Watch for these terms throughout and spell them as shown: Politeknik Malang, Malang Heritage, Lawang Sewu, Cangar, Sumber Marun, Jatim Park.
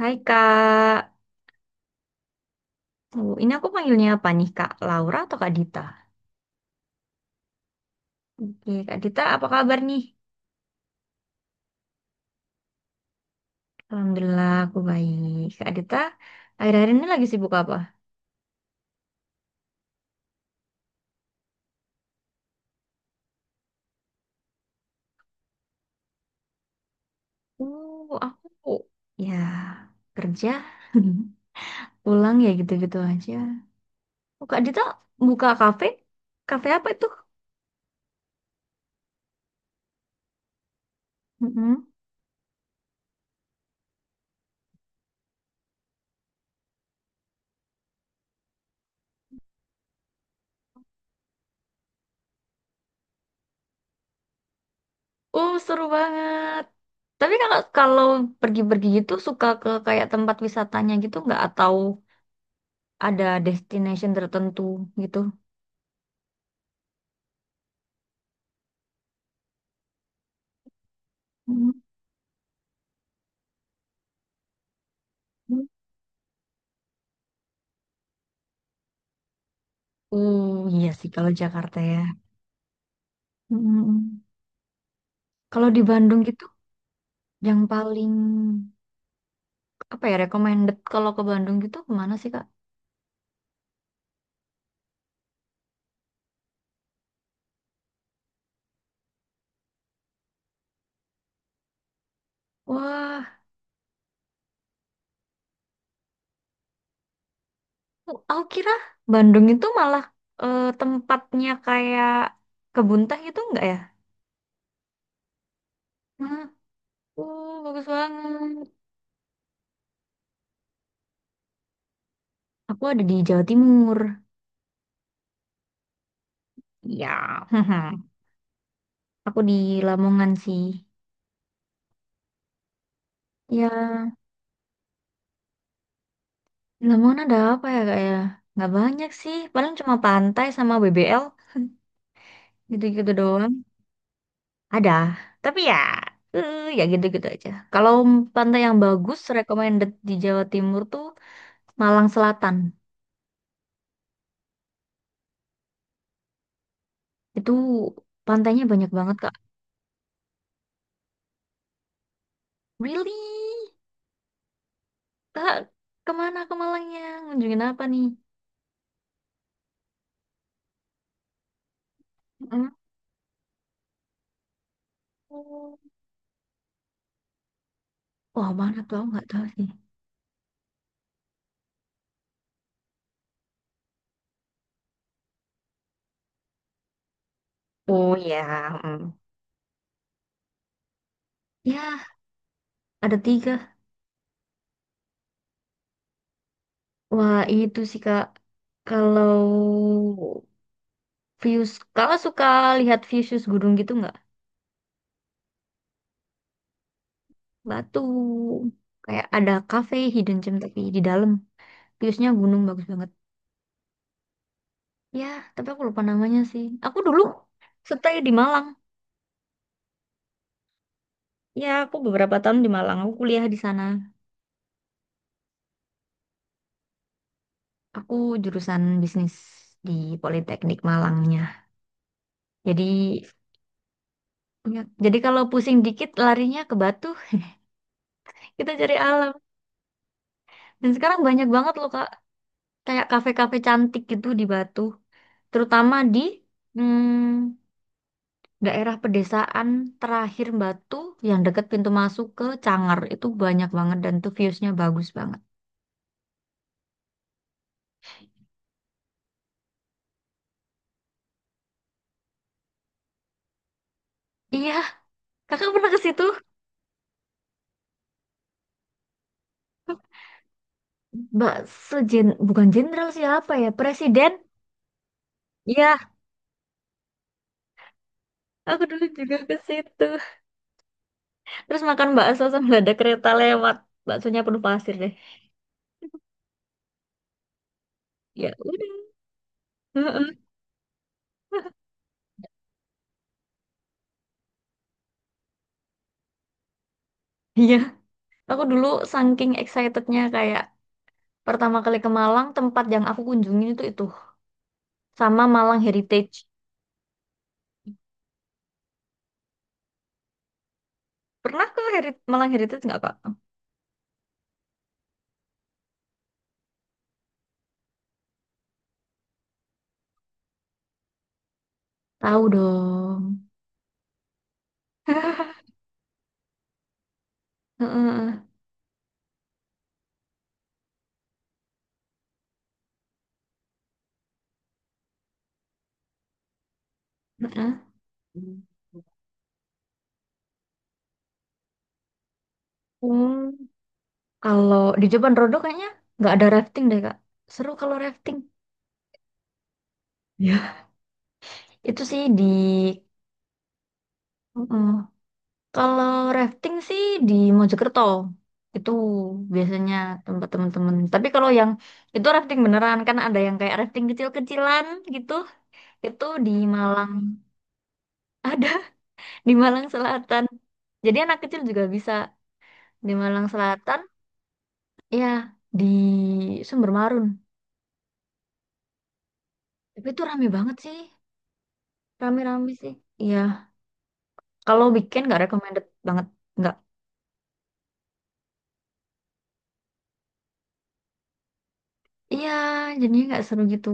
Hai Kak. Oh, ini aku panggilnya apa nih Kak, Laura atau Kak Dita? Oke, Kak Dita apa kabar nih? Alhamdulillah aku baik. Kak Dita, akhir-akhir ini lagi sibuk apa? Aku ya kerja, pulang ya gitu-gitu aja. Oh, Kak Dita buka kafe? Kafe apa itu? Mm-mm. Oh, seru banget. Tapi kalau kalau pergi-pergi gitu suka ke kayak tempat wisatanya gitu nggak, atau ada destination tertentu gitu? Oh iya sih kalau Jakarta ya. Mm-mm. Kalau di Bandung gitu, yang paling apa ya recommended kalau ke Bandung gitu kemana sih Kak? Wah, aku kira Bandung itu malah tempatnya kayak kebun teh gitu enggak ya? Nah, bagus banget. Aku ada di Jawa Timur. Ya, aku di Lamongan sih. Ya, di Lamongan ada apa ya Kak ya? Nggak banyak sih, paling cuma pantai sama BBL gitu-gitu doang. Ada, tapi ya, ya gitu-gitu aja. Kalau pantai yang bagus, recommended di Jawa Timur tuh Malang Selatan. Itu pantainya banyak banget, Kak. Really? Kak, kemana ke Malangnya? Ngunjungin apa nih? Mm. Wah, mana tuh? Aku nggak tahu sih. Oh ya, mm. Ya, ada tiga. Wah, itu sih, Kak. Kalau views, kalau suka lihat views gunung gitu nggak? Batu. Kayak ada cafe hidden gem tapi di dalam. Viewsnya gunung bagus banget. Ya, tapi aku lupa namanya sih. Aku dulu stay di Malang. Ya, aku beberapa tahun di Malang. Aku kuliah di sana. Aku jurusan bisnis di Politeknik Malangnya. Jadi, jadi, kalau pusing dikit larinya ke Batu. Kita cari alam. Dan sekarang banyak banget loh, Kak. Kayak kafe-kafe cantik gitu di Batu. Terutama di hmm, daerah pedesaan terakhir Batu yang deket pintu masuk ke Cangar itu banyak banget dan tuh viewsnya bagus banget. Iya, kakak pernah ke situ? Mbak sejen, bukan jenderal siapa ya? Presiden? Iya, aku dulu juga ke situ. Terus makan bakso sambil ada kereta lewat. Baksonya penuh pasir deh. Ya udah. Heeh. Iya, aku dulu saking excitednya kayak pertama kali ke Malang, tempat yang aku kunjungin itu sama Malang Heritage. Pernah ke Malang Heritage nggak, Kak? Tahu dong. Heeh, heeh. Hmm. Hmm, Kalau di Jeban Rodo kayaknya nggak ada rafting deh, Kak. Seru kalau rafting. Ya. Itu sih di... Heeh. Kalau rafting sih di Mojokerto. Itu biasanya tempat teman-teman. Tapi kalau yang itu rafting beneran, kan ada yang kayak rafting kecil-kecilan gitu. Itu di Malang. Ada di Malang Selatan. Jadi anak kecil juga bisa di Malang Selatan. Iya, di Sumber Marun. Tapi itu rame banget sih. Rame-rame sih. Iya. Kalau weekend nggak recommended banget. Nggak. Iya, jadinya nggak seru gitu.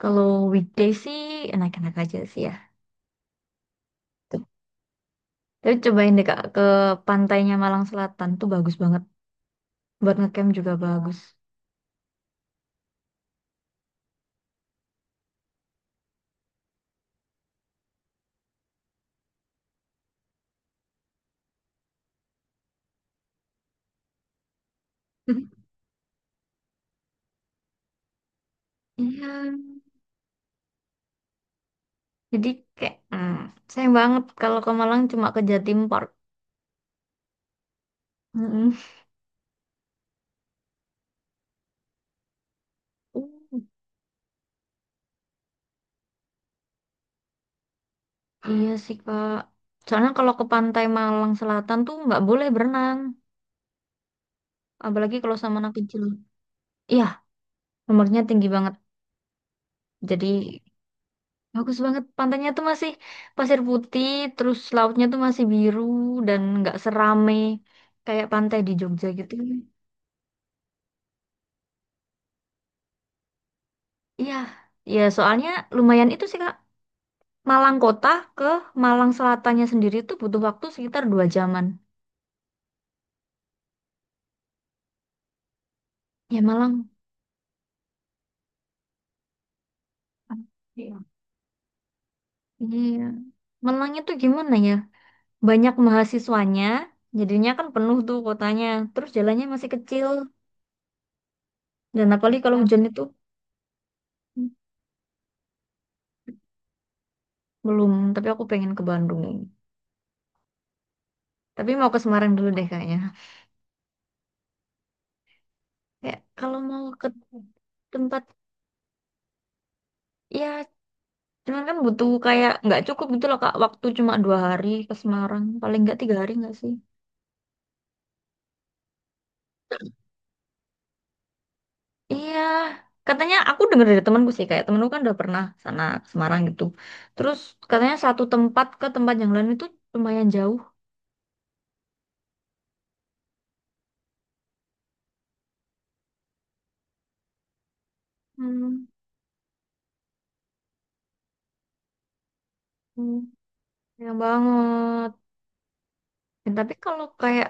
Kalau weekday sih enak-enak aja sih ya. Tuh. Tapi cobain deh Kak ke pantainya Malang Selatan tuh bagus banget. Buat ngecamp juga bagus. Iya. Jadi kayak sayang banget kalau ke Malang cuma ke Jatim Park. Mm-mm. Iya sih Kak. Soalnya kalau ke pantai Malang Selatan tuh nggak boleh berenang, apalagi kalau sama anak kecil. Iya, nomornya tinggi banget. Jadi bagus banget pantainya tuh masih pasir putih, terus lautnya tuh masih biru dan nggak serame kayak pantai di Jogja gitu. Iya, ya soalnya lumayan itu sih Kak. Malang kota ke Malang Selatannya sendiri tuh butuh waktu sekitar 2 jaman. Ya Malang. Iya. Iya. Malang itu gimana ya? Banyak mahasiswanya, jadinya kan penuh tuh kotanya. Terus jalannya masih kecil. Dan apalagi kalau, nah, hujan itu belum, tapi aku pengen ke Bandung. Tapi mau ke Semarang dulu deh kayaknya. Kayak kalau mau ke tempat, ya cuman kan butuh kayak nggak cukup gitu loh Kak, waktu cuma 2 hari ke Semarang, paling nggak 3 hari nggak sih? Iya, katanya aku dengar dari temanku sih, kayak temanku kan udah pernah sana ke Semarang gitu, terus katanya satu tempat ke tempat yang lain itu lumayan jauh hmm. Sayang banget. Dan tapi kalau kayak,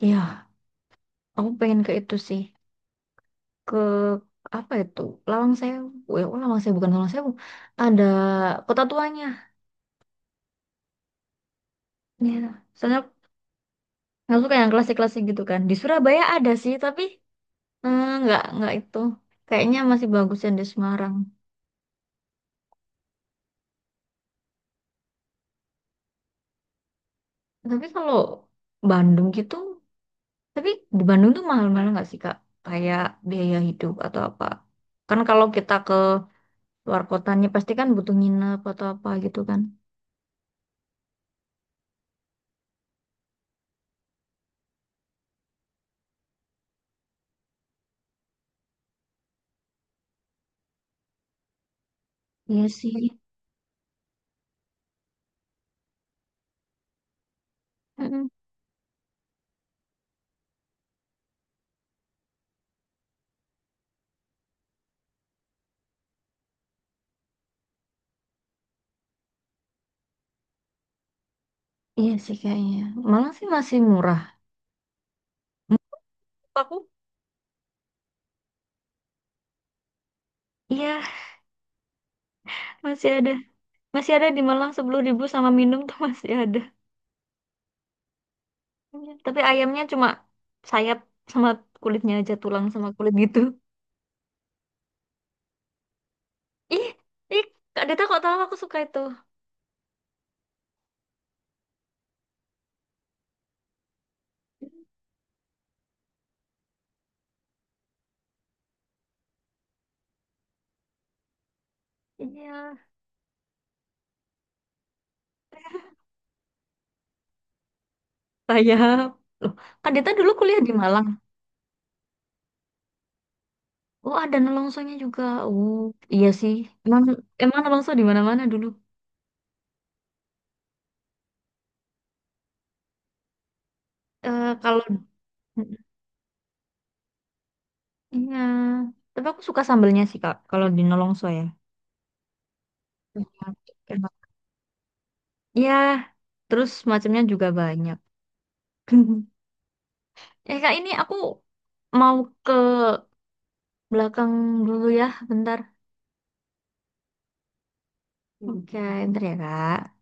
ya, aku pengen ke itu sih. Ke apa itu? Lawang Sewu. Ya, oh, Lawang Sewu bukan Lawang Sewu. Ada kota tuanya. Ya. Soalnya nggak suka yang klasik-klasik gitu kan. Di Surabaya ada sih, tapi nggak itu. Kayaknya masih bagus yang di Semarang. Tapi kalau Bandung gitu, tapi di Bandung tuh mahal-mahal nggak sih Kak? Kayak biaya hidup atau apa? Kan kalau kita ke luar kotanya pasti kan butuh nginep atau apa gitu kan. Iya sih. Mm-mm. Iya sih kayaknya. Malang sih masih murah. Menurut aku, iya masih ada. Masih ada di Malang 10.000 sama minum tuh masih ada. Iya. Tapi ayamnya cuma sayap sama kulitnya aja, tulang sama kulit gitu. Ih, ih, Kak Dita kok tahu aku suka itu? Iya, sayap. Loh, Kak Dita dulu kuliah di Malang. Oh, ada nolongsonya juga. Oh, iya sih. Emang emang nolongso di mana-mana dulu. Eh, kalau iya, tapi aku suka sambelnya sih Kak, kalau di nolongso ya. Enak, enak. Ya, terus macamnya juga banyak. Eh Kak, ini aku mau ke belakang dulu ya, bentar. Oke, bentar ya Kak.